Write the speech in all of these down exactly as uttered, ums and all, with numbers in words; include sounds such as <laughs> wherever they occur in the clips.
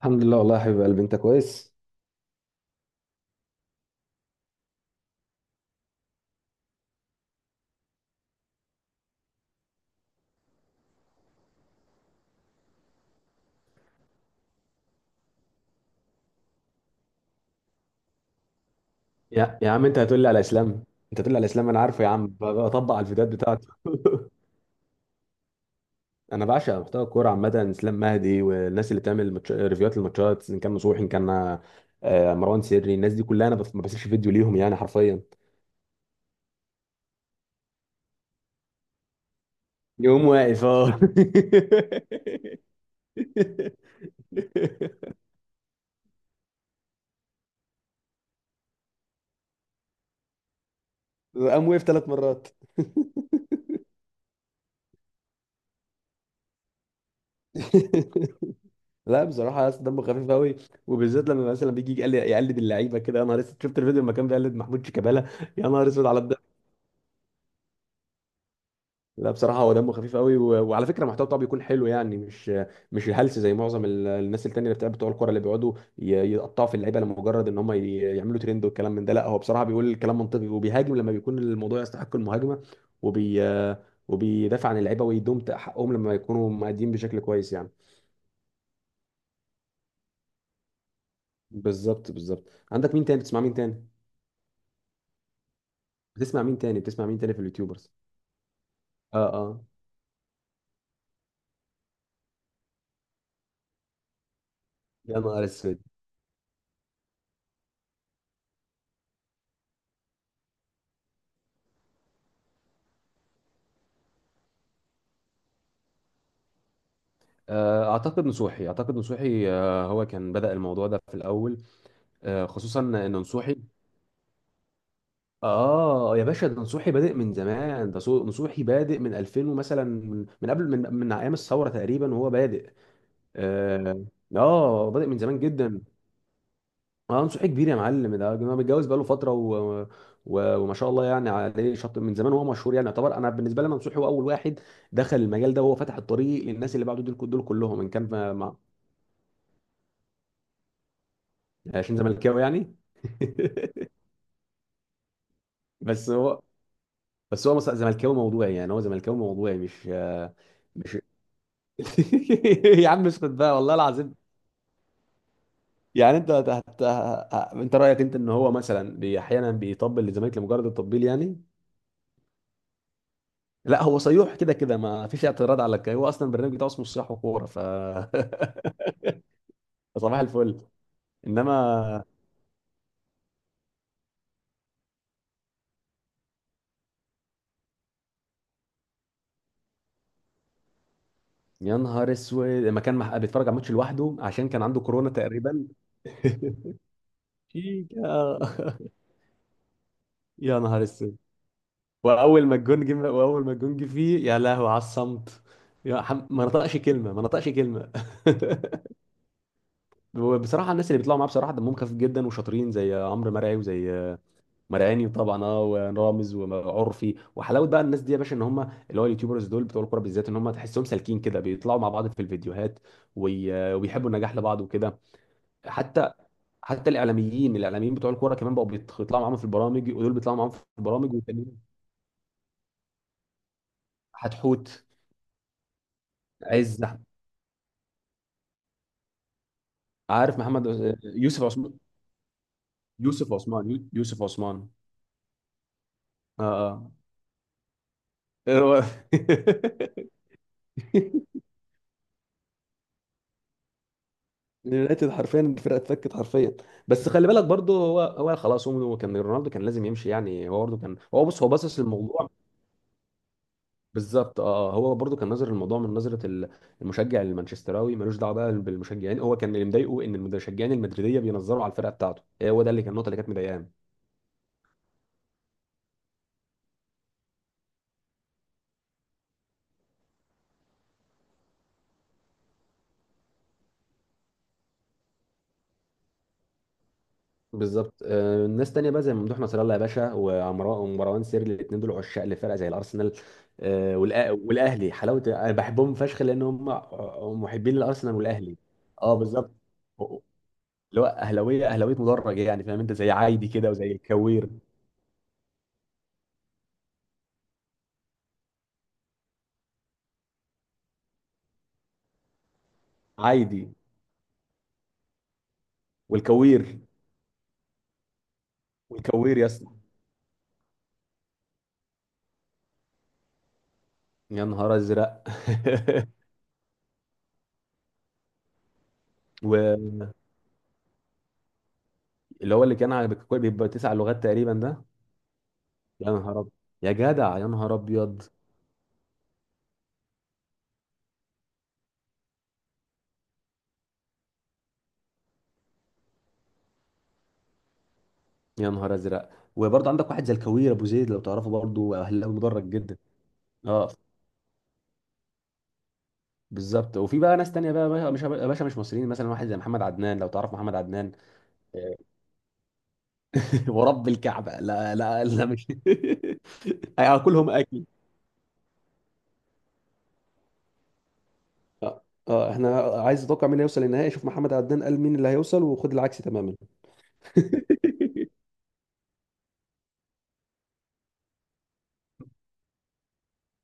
الحمد لله والله يا حبيب قلبي، انت كويس؟ يا يا عم انت هتقول لي على اسلام، انت هتقول لي على اسلام انا عارفه يا عم. ب- بطبق على الفيديوهات بتاعته. <laughs> انا بعشق محتوى الكوره عامه، اسلام مهدي والناس اللي بتعمل ماتش... ريفيوهات للماتشات، ان كان نصوحي، ان كان آه، مروان سري، الناس دي كلها انا بف... ما بسيبش فيديو ليهم يعني حرفيا. يقوم واقف، اه. <laughs> قام وقف ثلاث مرات. <laughs> لا بصراحه يا اسطى دمه خفيف قوي، وبالذات لما مثلا بيجي يقل- يقلد اللعيبه كده. يا نهار اسود، شفت الفيديو لما كان بيقلد محمود شيكابالا. يا نهار اسود على الضحك. لا بصراحه هو دمه خفيف قوي. و... وعلى فكره المحتوى بتاعه بيكون حلو يعني، مش مش الهلس زي معظم ال- الناس التانيه اللي بتاع بتوع الكوره، اللي بيقعدوا ي... يقطعوا في اللعيبه لمجرد ان هم ي... يعملوا ترند والكلام من ده. لا هو بصراحه بيقول الكلام منطقي، وبيهاجم لما بيكون الموضوع يستحق المهاجمه، وبي وبيدافع عن اللعيبه ويدوم حقهم لما يكونوا مادين بشكل كويس يعني. بالظبط، بالظبط. عندك مين تاني بتسمع؟ مين تاني بتسمع؟ مين تاني بتسمع مين تاني في اليوتيوبرز؟ اه، اه. يا نهار اسود. آه، اعتقد نصوحي اعتقد نصوحي. آه، هو كان بدأ الموضوع ده في الاول. آه، خصوصا ان نصوحي. اه يا باشا، ده نصوحي بادئ من زمان، ده صو- نصوحي بادئ من ألفين، ومثلا من من قبل، من من ايام الثوره تقريبا وهو بادئ. اه. آه، بادئ من زمان جدا. اه نصوحي كبير يا معلم، ده ده متجوز بقاله فتره. و... و... وما شاء الله يعني عليه، شط من زمان وهو مشهور، يعني يعتبر، انا بالنسبه لي منصور هو اول واحد دخل المجال ده، وهو فتح الطريق للناس اللي بعده، دول دول كلهم، ان كان ما... ما- عشان زملكاوي يعني. <laughs> بس هو بس هو مص- زملكاوي موضوعي، يعني هو زملكاوي موضوعي، مش مش <laughs> يا عم اسكت بقى والله العظيم. يعني انت هت... هت... ه- انت رايك انت ان هو مثلا بي- احيانا بيطبل للزمالك لمجرد التطبيل يعني. لا، هو صيوح كده كده ما فيش اعتراض على الك- هو اصلا البرنامج بتاعه اسمه صياح وكوره، ف <laughs> صباح الفل. انما يا نهار اسود، لما كان مح- بيتفرج على ماتش لوحده عشان كان عنده كورونا تقريبا. <laughs> شيكا. يا نهار اسود. واول ما الجون جه واول ما الجون جه فيه، يا لهوي على الصمت. يا حم... ما نطقش كلمه، ما نطقش كلمه. <laughs> بصراحه الناس اللي بيطلعوا معاه بصراحه دمهم خفيف جدا وشاطرين، زي عمرو مرعي وزي مرقاني طبعا، اه، ورامز وعرفي وحلاوه بقى. الناس دي يا باشا ان هم، اللي هو اليوتيوبرز دول بتوع الكوره بالذات، ان هم تحسهم سالكين كده بيطلعوا مع بعض في الفيديوهات، وي- وبيحبوا النجاح لبعض وكده. حتى، حتى الاعلاميين الاعلاميين بتوع الكوره كمان بقوا بيط- بيطلعوا معاهم في البرامج، ودول بيطلعوا معاهم في البرامج والتانيين. حتحوت. عز أحمد- عارف محمد، آه، يوسف عثمان يوسف عثمان يوسف عثمان. اه، اه. <laughs> اليونايتد حرفيا الفرقه اتفكت حرفيا. بس خلي بالك برضه، هو هو خلاص، هو كان، رونالدو كان لازم يمشي يعني، هو برضه كان، هو بص، هو باصص للموضوع. بالظبط، اه. آه، هو برضه كان نظر الموضوع من نظره ال- المشجع المانشستراوي، ملوش دعوه بقى بالمشجعين. هو كان اللي مضايقه ان المشجعين المدريديه بينظروا على الفرقه بتاعته، هو ده اللي كان النقطه اللي كانت مضايقاه. بالظبط. آه، ناس تانية بقى زي ممدوح نصر الله يا باشا، وعمرو- ومروان سيري، الاثنين دول عشاق لفرقه زي الارسنال. آه، والأ- والاهلي. حلاوه انا بحبهم فشخ لان هم محبين للارسنال والاهلي. اه بالظبط، اللي هو اهلاويه اهلاويه مدرج يعني، فاهم انت، زي عايدي كده وزي الكوير. عايدي، والكوير والكوير يا اسطى. يا نهار ازرق. <laughs> واللي هو اللي كان على، بيبقى تسع لغات تقريبا ده. يا نهار ابيض، يا جدع يا نهار ابيض. يا نهار ازرق. وبرضه عندك واحد زي الكوير ابو زيد لو تعرفه، برضه اهلاوي مدرج جدا. اه بالظبط. وفي بقى ناس تانية بقى بقى- مش يا باشا، مش مصريين، مثلا واحد زي محمد عدنان لو تعرف محمد عدنان. <laughs> ورب الكعبة، لا لا لا مش <laughs> هاكلهم اكل. اه. آه، احنا عايز اتوقع مين هيوصل للنهائي، شوف محمد عدنان قال مين اللي هيوصل وخد العكس تماما. <laughs>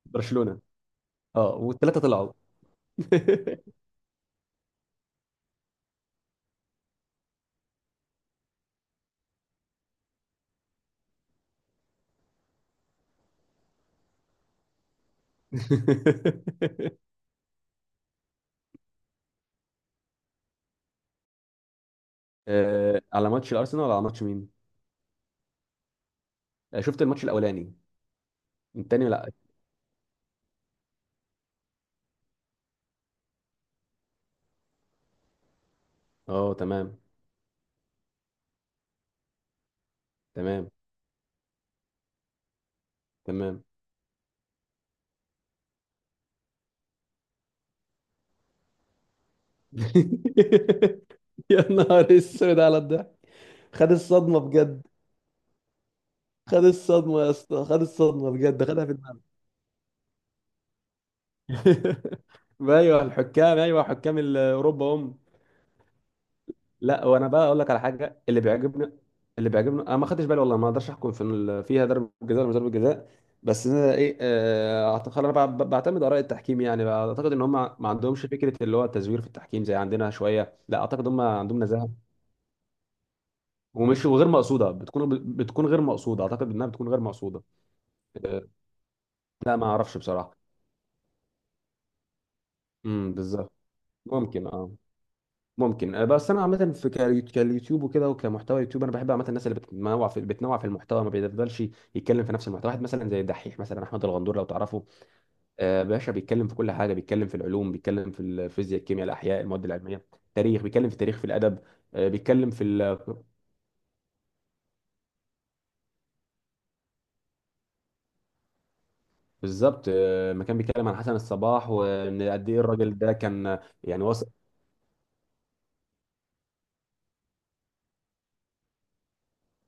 برشلونة. اه، والثلاثة طلعوا. <laughs> آه، على ماتش الارسنال ولا على ماتش مين؟ آه، شفت الماتش الاولاني. التاني لا. اه تمام. تمام. تمام. <laughs> يا نهار اسود على الضحك. خد الصدمة بجد. خد الصدمة يا اسطى، خد الصدمة بجد، خدها في دماغه. <laughs> ايوه الحكام، ايوه حكام ال- اوروبا هم. لا، وانا بقى اقول لك على حاجه اللي بيعجبني اللي بيعجبني انا، ما خدتش بالي والله، ما اقدرش احكم في ال- فيها ضربه جزاء ولا مش ضربه جزاء. بس انا ايه، آه، اعتقد انا بع- بعتمد اراء التحكيم، يعني اعتقد ان هم ما عندهمش فكره اللي هو التزوير في التحكيم زي عندنا شويه، لا اعتقد هم عندهم نزاهه. ومش وغير مقصوده، بتكون بتكون غير مقصوده، اعتقد انها بتكون غير مقصوده. لا ما اعرفش بصراحه. امم بالظبط. ممكن، اه. ممكن، آه، بس انا عامه في كاليو- كاليوتيوب وكده وكمحتوى يوتيوب، انا بحب عامه الناس اللي بتنوع في بتنوع في المحتوى، ما بيفضلش يتكلم في نفس المحتوى، واحد مثلا زي الدحيح، مثلا احمد الغندور لو تعرفه. آه باشا بيتكلم في كل حاجه، بيتكلم في العلوم، بيتكلم في الفيزياء، الكيمياء، الاحياء، المواد العلميه. تاريخ، بيتكلم في التاريخ، في الادب. آه بيتكلم في ال... بالظبط. آه ما كان بيتكلم عن حسن الصباح وان قد ايه الراجل ده كان، يعني وصل.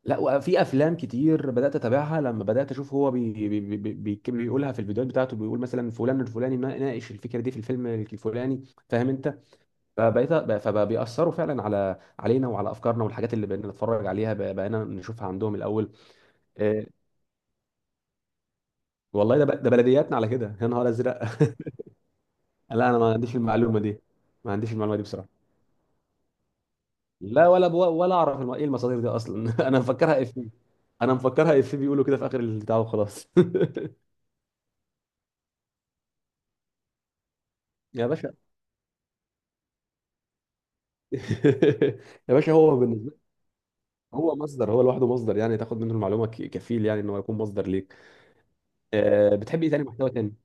لا، وفي افلام كتير بدات اتابعها، لما بدات اشوف هو بي بي بي بي بي- بيقولها في الفيديوهات بتاعته، بيقول مثلا فلان الفلاني ما ناقش الفكره دي في الفيلم الفلاني، فاهم انت. فبقيت فبيأثروا فعلا على علينا، وعلى افكارنا والحاجات اللي بقينا نتفرج عليها، بق- بقينا نشوفها عندهم الاول. إيه؟ والله ده، ب- ده بلدياتنا على كده، يا نهار ازرق. <laughs> لا انا ما عنديش المعلومه دي، ما عنديش المعلومه دي بصراحه. لا، ولا بو ولا اعرف الم- ايه المصادر دي اصلا. <laughs> انا مفكرها افيه، انا مفكرها افيه، بيقولوا كده في اخر البتاع وخلاص. <laughs> يا باشا. <laughs> يا باشا، هو بالنسبه، هو مصدر، هو لوحده مصدر يعني، تاخد منه المعلومه ك- كفيل يعني ان هو يكون مصدر ليك. أه، بتحب ايه تاني، محتوى تاني؟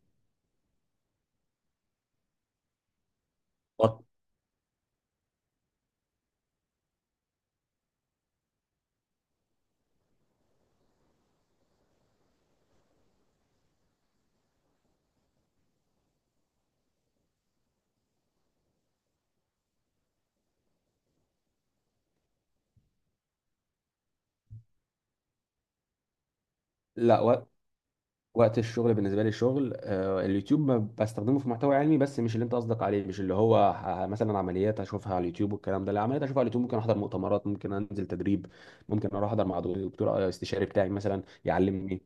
وقت لا، وقت وقت الشغل بالنسبه لي الشغل. أه اليوتيوب ما بستخدمه في محتوى علمي، بس مش اللي انت قصدك عليه، مش اللي هو ه- مثلا عمليات اشوفها على اليوتيوب والكلام ده، لا، عمليات اشوفها على اليوتيوب ممكن احضر مؤتمرات، ممكن انزل تدريب، ممكن اروح احضر مع دكتور آه، استشاري بتاعي مثلا يعلمني.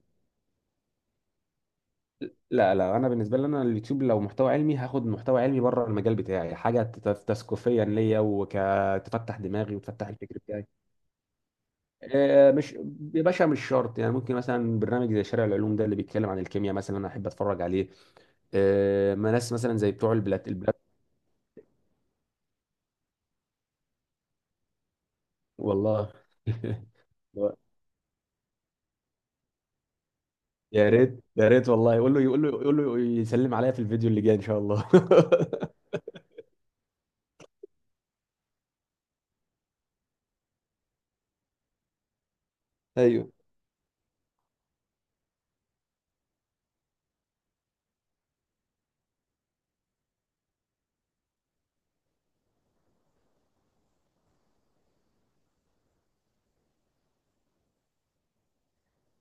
لا لا، انا بالنسبه لي انا، اليوتيوب لو محتوى علمي هاخد محتوى علمي بره المجال بتاعي، حاجه تت- تثقيفيا ليا وتفتح دماغي وتفتح الفكر بتاعي. آه، مش يا باشا، مش شرط يعني، ممكن مثلا برنامج زي شارع العلوم ده اللي بيتكلم عن الكيمياء مثلا انا احب اتفرج عليه. آه، ما ناس مثلا زي بتوع البلاد، البلاد. والله. <laughs> يا ريت يا ريت والله، يقول له يقول له يقول له يسلم عليا في الفيديو اللي جاي ان شاء الله. <laughs> ايوه.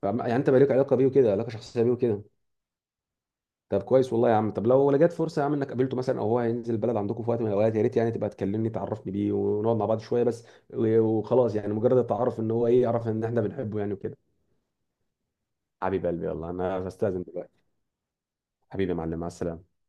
فعم- يعني انت بقى لك علاقه بيه وكده، علاقه شخصيه بيه وكده. طب كويس والله يا عم، طب لو لو جت فرصه يا عم انك قابلته مثلا، او هو هينزل البلد عندكم في وقت من الاوقات، يا ريت يعني تبقى تكلمني، تعرفني بيه ونقعد مع بعض شويه بس. و- وخلاص يعني، مجرد التعرف، ان هو ايه، يعرف ان احنا بنحبه يعني وكده. حبيب قلبي، يلا انا هستاذن دلوقتي. حبيبي يا معلم، مع السلامه.